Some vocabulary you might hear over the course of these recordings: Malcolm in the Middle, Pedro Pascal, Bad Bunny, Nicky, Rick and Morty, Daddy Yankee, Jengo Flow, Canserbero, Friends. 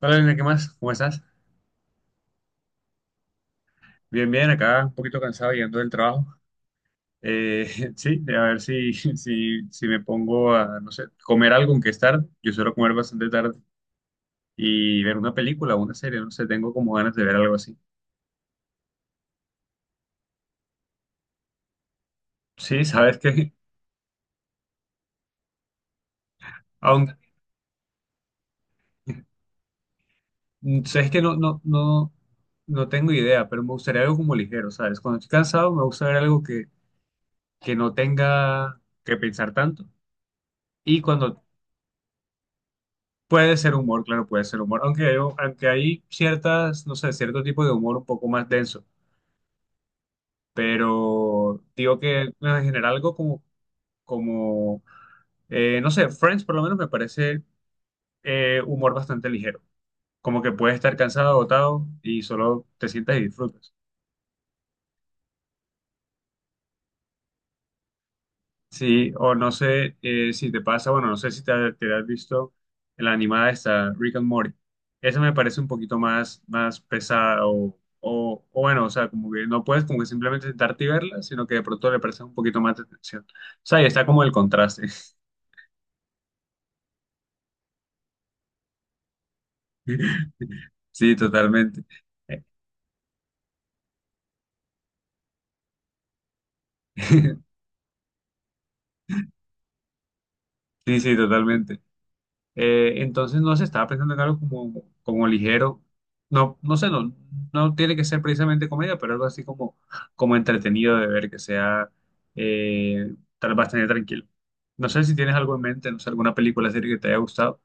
Hola, Elena, ¿qué más? ¿Cómo estás? Bien, bien, acá un poquito cansado llegando del trabajo. Eh, sí, a ver si me pongo a, no sé, comer algo, aunque es tarde. Yo suelo comer bastante tarde y ver una película o una serie, no sé, tengo como ganas de ver algo así. Sí, sabes que, aunque, sabes que no, no tengo idea, pero me gustaría algo como ligero, ¿sabes? Cuando estoy cansado me gusta ver algo que no tenga que pensar tanto y cuando puede ser humor, claro, puede ser humor, aunque hay ciertas, no sé, cierto tipo de humor un poco más denso, pero digo que en general algo como, como no sé, Friends por lo menos me parece humor bastante ligero, como que puedes estar cansado, agotado y solo te sientas y disfrutas. Sí, o no sé si te pasa, bueno, no sé si te has visto la animada esta, Rick and Morty. Esa me parece un poquito más, más pesada o bueno, o sea, como que no puedes como que simplemente sentarte y verla, sino que de pronto le prestas un poquito más de atención. O sea, y está como el contraste. Sí, totalmente. Sí, sí, totalmente. Entonces, no se estaba pensando en algo como, como ligero. No, no sé, no, no tiene que ser precisamente comedia, pero algo así como, como entretenido de ver, que sea tal bastante tranquilo. No sé si tienes algo en mente, no sé, alguna película, serie que te haya gustado.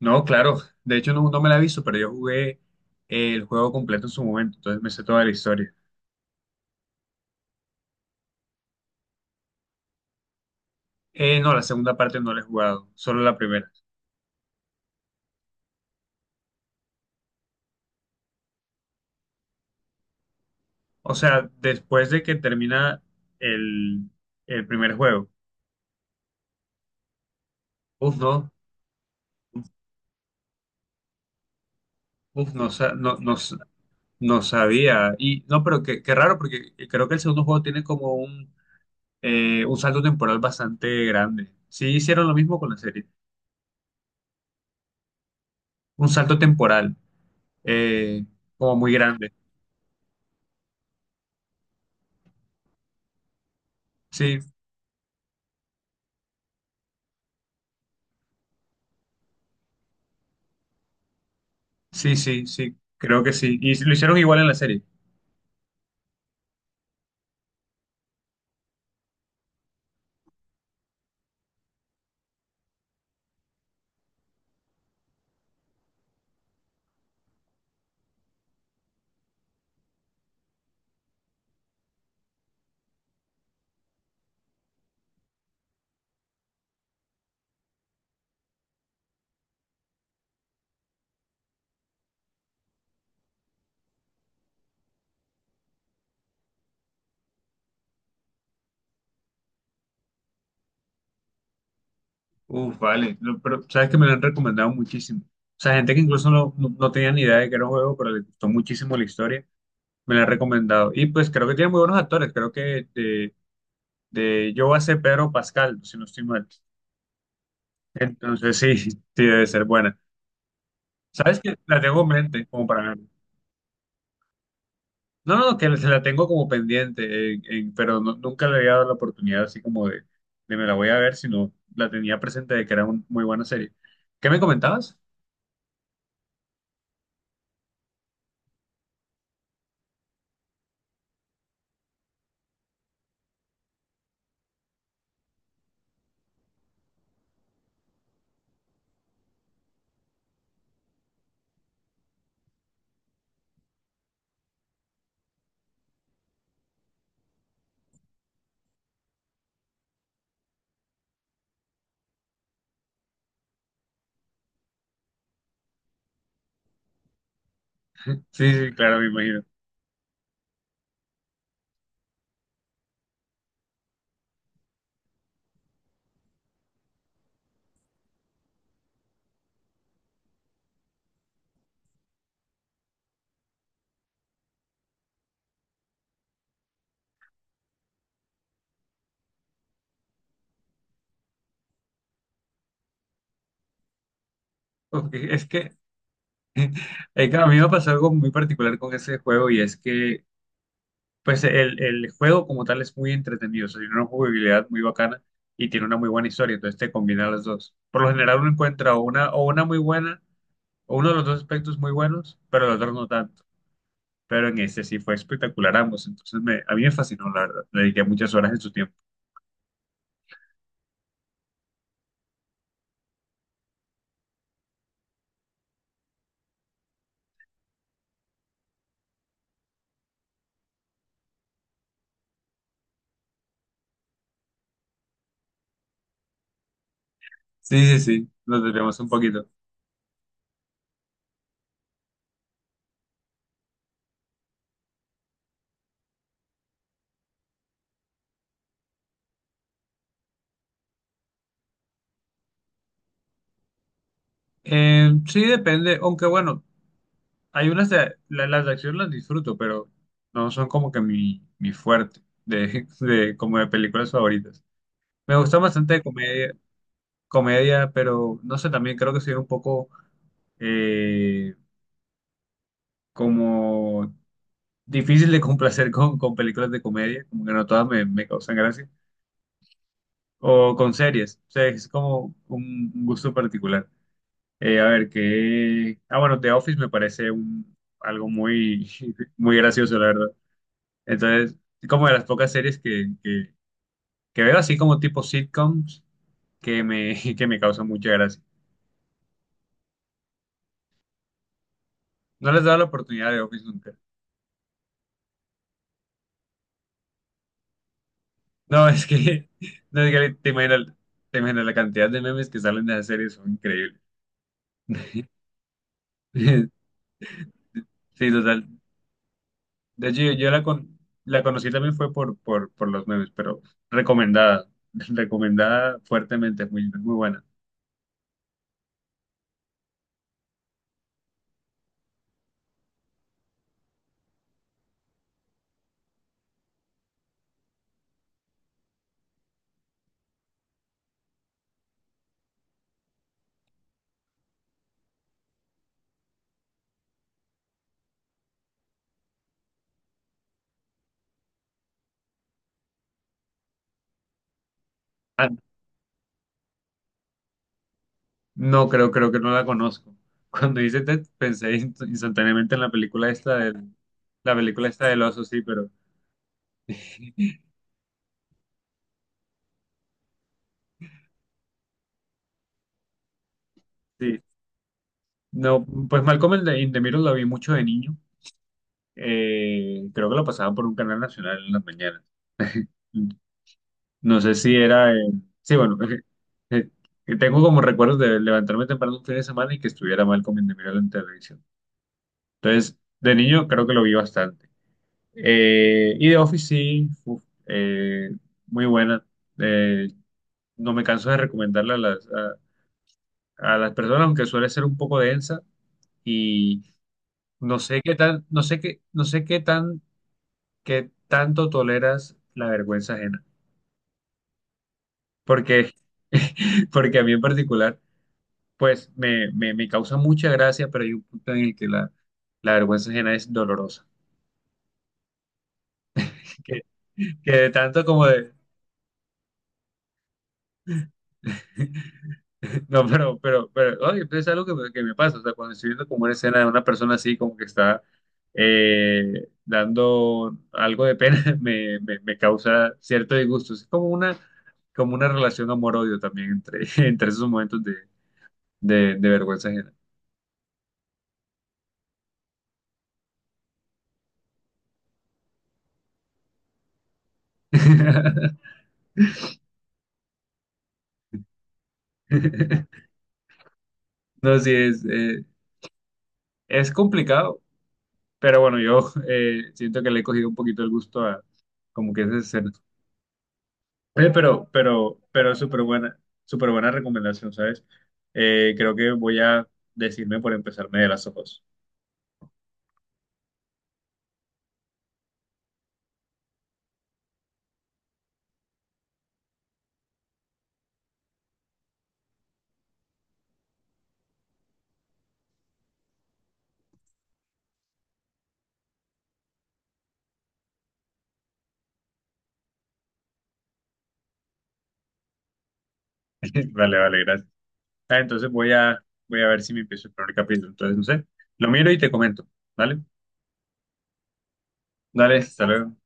No, claro, de hecho no, no me la he visto, pero yo jugué el juego completo en su momento, entonces me sé toda la historia. No, la segunda parte no la he jugado, solo la primera. O sea, después de que termina el, el primer juego. Uf, no. Uf, no, no, no sabía. Y no, pero qué, qué raro, porque creo que el segundo juego tiene como un salto temporal bastante grande. Sí, hicieron lo mismo con la serie. Un salto temporal, eh, como muy grande. Sí, sí, sí, sí, creo que sí. Y lo hicieron igual en la serie. Uf, vale. Lo- pero sabes que me lo han recomendado muchísimo. O sea, gente que incluso no tenía ni idea de que era un juego, pero le gustó muchísimo la historia. Me la han recomendado. Y pues creo que tiene muy buenos actores. Creo que de Joa Pedro Pascal, si no estoy mal. Entonces sí, sí debe ser buena. ¿Sabes que la tengo en mente como para no, no, que se la tengo como pendiente, pero nunca le había dado la oportunidad así como de me la voy a ver, sino la tenía presente de que era una muy buena serie. ¿Qué me comentabas? Sí, sí, claro, me imagino. Ok, es que claro, a mí me pasó algo muy particular con ese juego y es que pues el juego como tal es muy entretenido, o sea, tiene una jugabilidad muy bacana y tiene una muy buena historia, entonces te combina las dos. Por lo general uno encuentra o una muy buena, o uno de los dos aspectos muy buenos, pero los otros no tanto. Pero en este sí fue espectacular ambos, entonces me, a mí me fascinó, la verdad. Le dediqué muchas horas en su tiempo. Sí, sí, sí, nos debemos un poquito. Sí, depende, aunque bueno, hay unas de, las de acción las disfruto, pero no son como que mi fuerte de, de, como de películas favoritas. Me gusta bastante comedia, comedia, pero no sé, también creo que soy un poco eh, como difícil de complacer con películas de comedia, como que no todas me, me causan gracia, o con series, o sea, es como un gusto particular. A ver, qué... Ah, bueno, The Office me parece un, algo muy, muy gracioso, la verdad. Entonces, como de las pocas series que, que veo así como tipo sitcoms que me, que me causan mucha gracia. No les he dado la oportunidad de The Office nunca. No, es que, no, es que te imaginas la cantidad de memes que salen de esa serie, son increíbles. Sí, total. De hecho, yo la, con, la conocí también fue por, por los memes, pero recomendada, recomendada fuertemente, es muy, muy buena. Ah, no, creo, creo que no la conozco. Cuando hice Ted, pensé instantáneamente en la película esta del, la película esta del oso, sí, pero sí. No, pues Malcolm in in the Middle la vi mucho de niño. Creo que lo pasaban por un canal nacional en las mañanas. No sé si era... sí, bueno, eh, que tengo como recuerdos de levantarme temprano un fin de semana y que estuviera mal in the Middle en televisión. Entonces, de niño creo que lo vi bastante. Y de Office sí, uf, muy buena. Eh, no me canso de recomendarla a las personas, aunque suele ser un poco densa y no sé qué tan, no sé qué, no sé qué tan, qué tanto toleras la vergüenza ajena. Porque, porque a mí en particular... pues me causa mucha gracia, pero hay un punto en el que la vergüenza ajena es dolorosa. Que, que de tanto como de... No, pero, oye, pues es algo que me pasa, o sea, cuando estoy viendo como una escena de una persona así, como que está dando algo de pena, me causa cierto disgusto. Es como una relación amor-odio también entre, entre esos momentos de, de vergüenza ajena. No, sí, es complicado. Pero bueno, yo siento que le he cogido un poquito el gusto a como que ese ser. Oye, pero súper buena recomendación, ¿sabes? Creo que voy a decirme por empezarme de las ojos. Vale, vale, gracias. Ah, entonces voy a, voy a ver si me empiezo el primer capítulo. Entonces, no sé, lo miro y te comento. ¿Vale? Dale, hasta luego.